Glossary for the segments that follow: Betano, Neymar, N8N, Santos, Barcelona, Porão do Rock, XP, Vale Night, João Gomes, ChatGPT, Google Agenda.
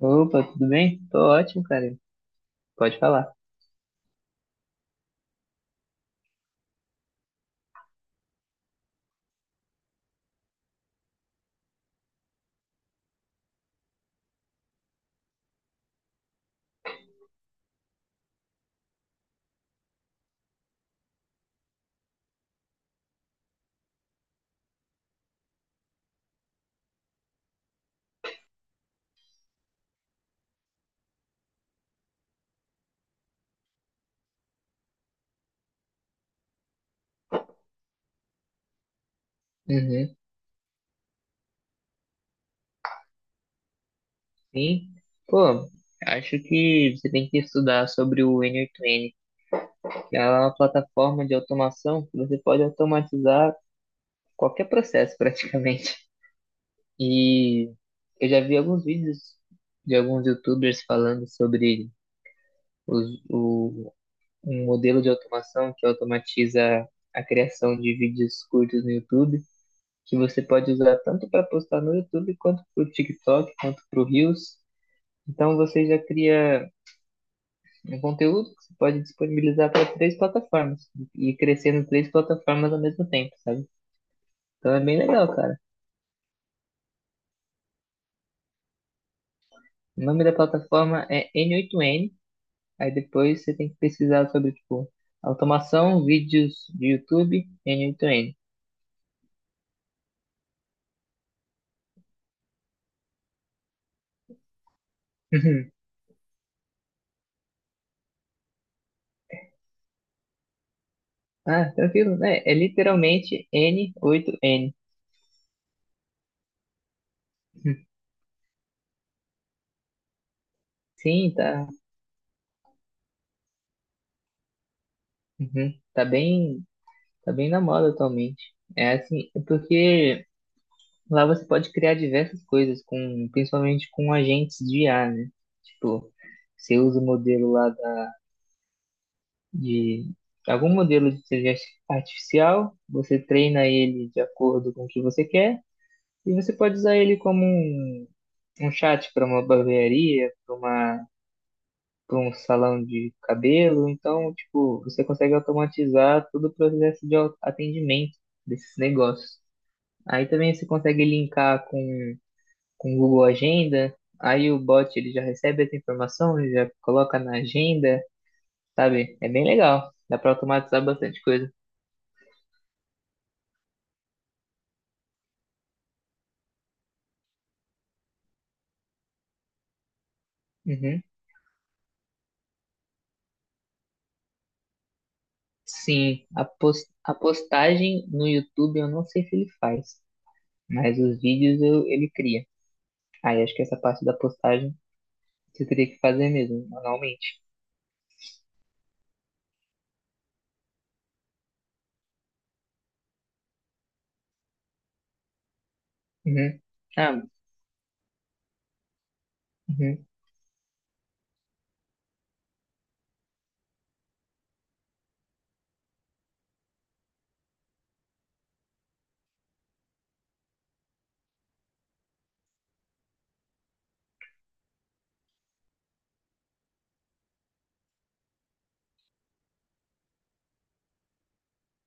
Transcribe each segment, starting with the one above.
Opa, tudo bem? Tô ótimo, cara. Pode falar. Uhum. Sim. Pô, acho que você tem que estudar sobre o N8N, que ela é uma plataforma de automação que você pode automatizar qualquer processo praticamente. E eu já vi alguns vídeos de alguns YouTubers falando sobre os- o, um modelo de automação que automatiza a criação de vídeos curtos no YouTube, que você pode usar tanto para postar no YouTube, quanto para o TikTok, quanto para o Reels. Então você já cria um conteúdo que você pode disponibilizar para três plataformas e crescer em três plataformas ao mesmo tempo, sabe? Então é bem legal, cara. O nome da plataforma é N8N, aí depois você tem que pesquisar sobre, tipo, automação, vídeos de YouTube, N8N. Ah, tranquilo, né? É literalmente N8N. Sim, tá. Uhum. Tá bem. Tá bem na moda atualmente. É assim, é porque lá você pode criar diversas coisas, principalmente com agentes de IA, né? Tipo, você usa o modelo lá de algum modelo de inteligência artificial, você treina ele de acordo com o que você quer, e você pode usar ele como um chat para uma barbearia, para um salão de cabelo. Então, tipo, você consegue automatizar todo o processo de atendimento desses negócios. Aí também você consegue linkar com o Google Agenda, aí o bot ele já recebe essa informação, ele já coloca na agenda, sabe? É bem legal, dá para automatizar bastante coisa. Uhum. Sim, a postagem no YouTube eu não sei se ele faz, mas os vídeos ele cria. Aí acho que essa parte da postagem você teria que fazer mesmo, manualmente. Uhum. Ah, uhum.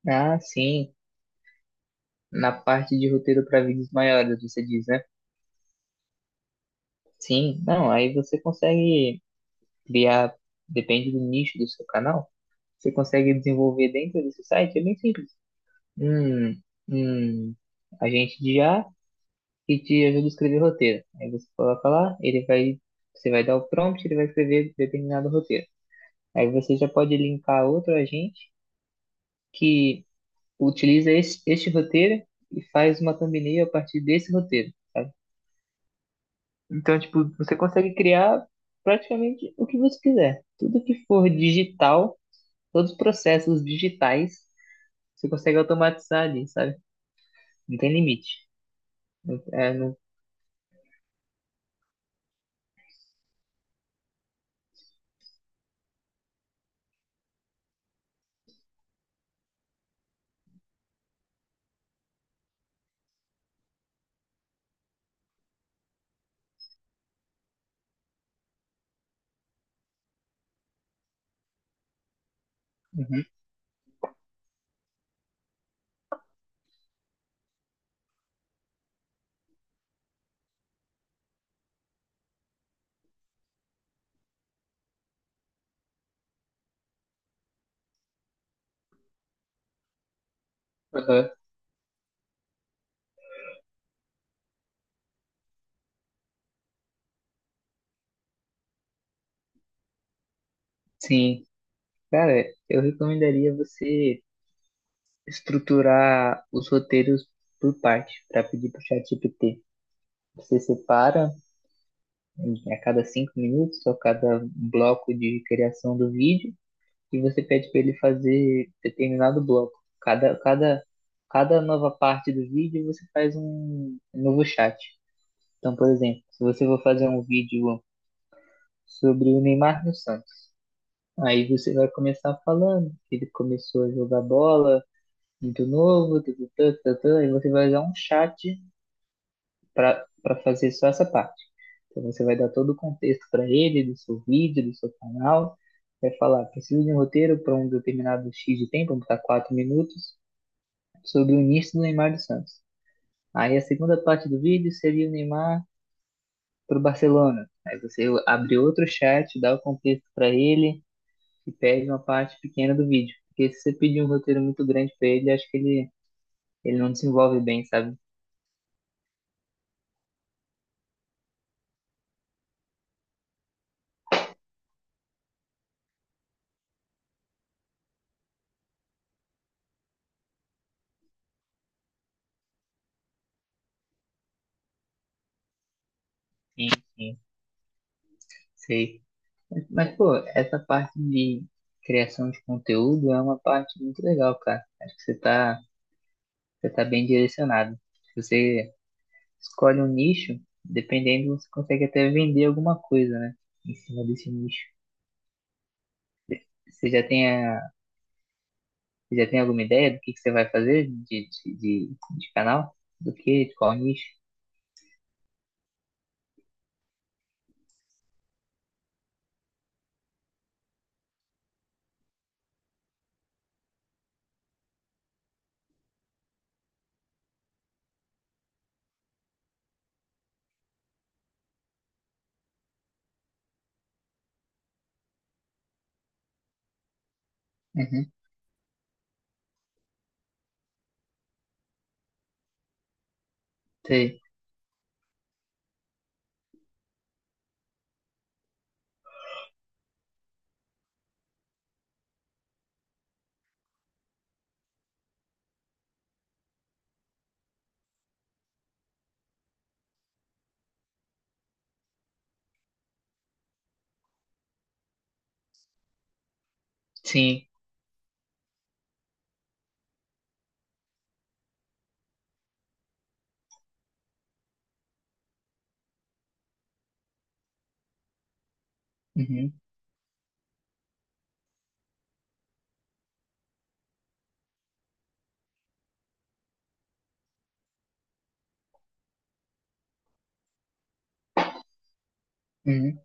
Ah, sim, na parte de roteiro para vídeos maiores, você diz, né? Sim, não, aí você consegue criar, depende do nicho do seu canal, você consegue desenvolver dentro desse site, é bem simples. Hum, hum, agente de IA que te ajuda a escrever roteiro. Aí você coloca lá, ele vai, você vai dar o prompt, ele vai escrever determinado roteiro. Aí você já pode linkar outro agente que utiliza este roteiro e faz uma thumbnail a partir desse roteiro, sabe? Então, tipo, você consegue criar praticamente o que você quiser. Tudo que for digital Todos os processos digitais você consegue automatizar ali, sabe? Não tem limite. É. Uhum. Aham. Sim. Cara, eu recomendaria você estruturar os roteiros por parte, para pedir para o ChatGPT. Você separa a cada 5 minutos ou cada bloco de criação do vídeo e você pede para ele fazer determinado bloco. Cada, cada, cada nova parte do vídeo você faz um novo chat. Então, por exemplo, se você for fazer um vídeo sobre o Neymar no Santos, aí você vai começar falando que ele começou a jogar bola muito novo, tututã, tututã, aí você vai usar um chat para fazer só essa parte. Então, você vai dar todo o contexto para ele, do seu vídeo, do seu canal, vai falar, preciso de um roteiro para um determinado X de tempo, vamos botar 4 minutos, sobre o início do Neymar do Santos. Aí a segunda parte do vídeo seria o Neymar pro Barcelona. Aí você abre outro chat, dá o contexto para ele e pede uma parte pequena do vídeo. Porque se você pedir um roteiro muito grande para ele, acho que ele não desenvolve bem, sabe? Sim, sei. Mas, pô, essa parte de criação de conteúdo é uma parte muito legal, cara. Acho que você tá bem direcionado. Se você escolhe um nicho, dependendo, você consegue até vender alguma coisa, né? Em cima desse nicho. Você já tem a, Você já tem alguma ideia do que você vai fazer de canal? Do que? De qual nicho? Uhum, sei. Sim. Uhum, uhum,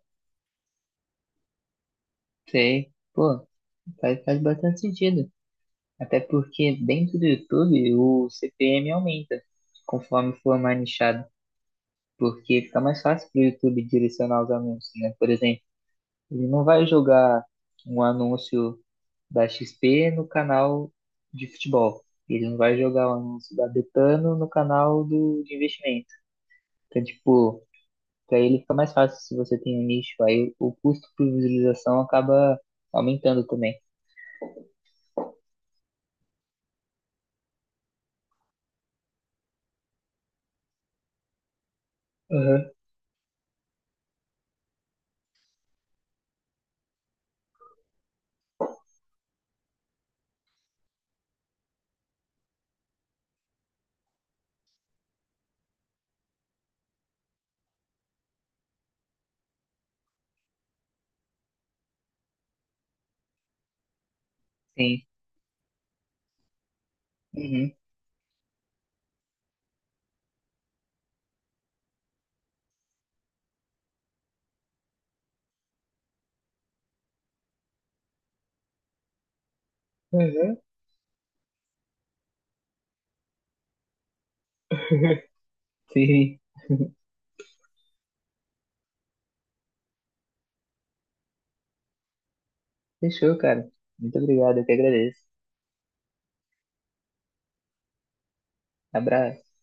sei. Pô, faz bastante sentido. Até porque dentro do YouTube o CPM aumenta conforme for mais nichado. Porque fica mais fácil pro YouTube direcionar os anúncios, né? Por exemplo, ele não vai jogar um anúncio da XP no canal de futebol. Ele não vai jogar um anúncio da Betano no canal de investimento. Então, tipo, para ele fica mais fácil se você tem um nicho, aí o custo por visualização acaba aumentando também. Aham. Sim. Uhum. Aham. Sim. Fechou, cara. Muito obrigado, eu que agradeço. Abraço.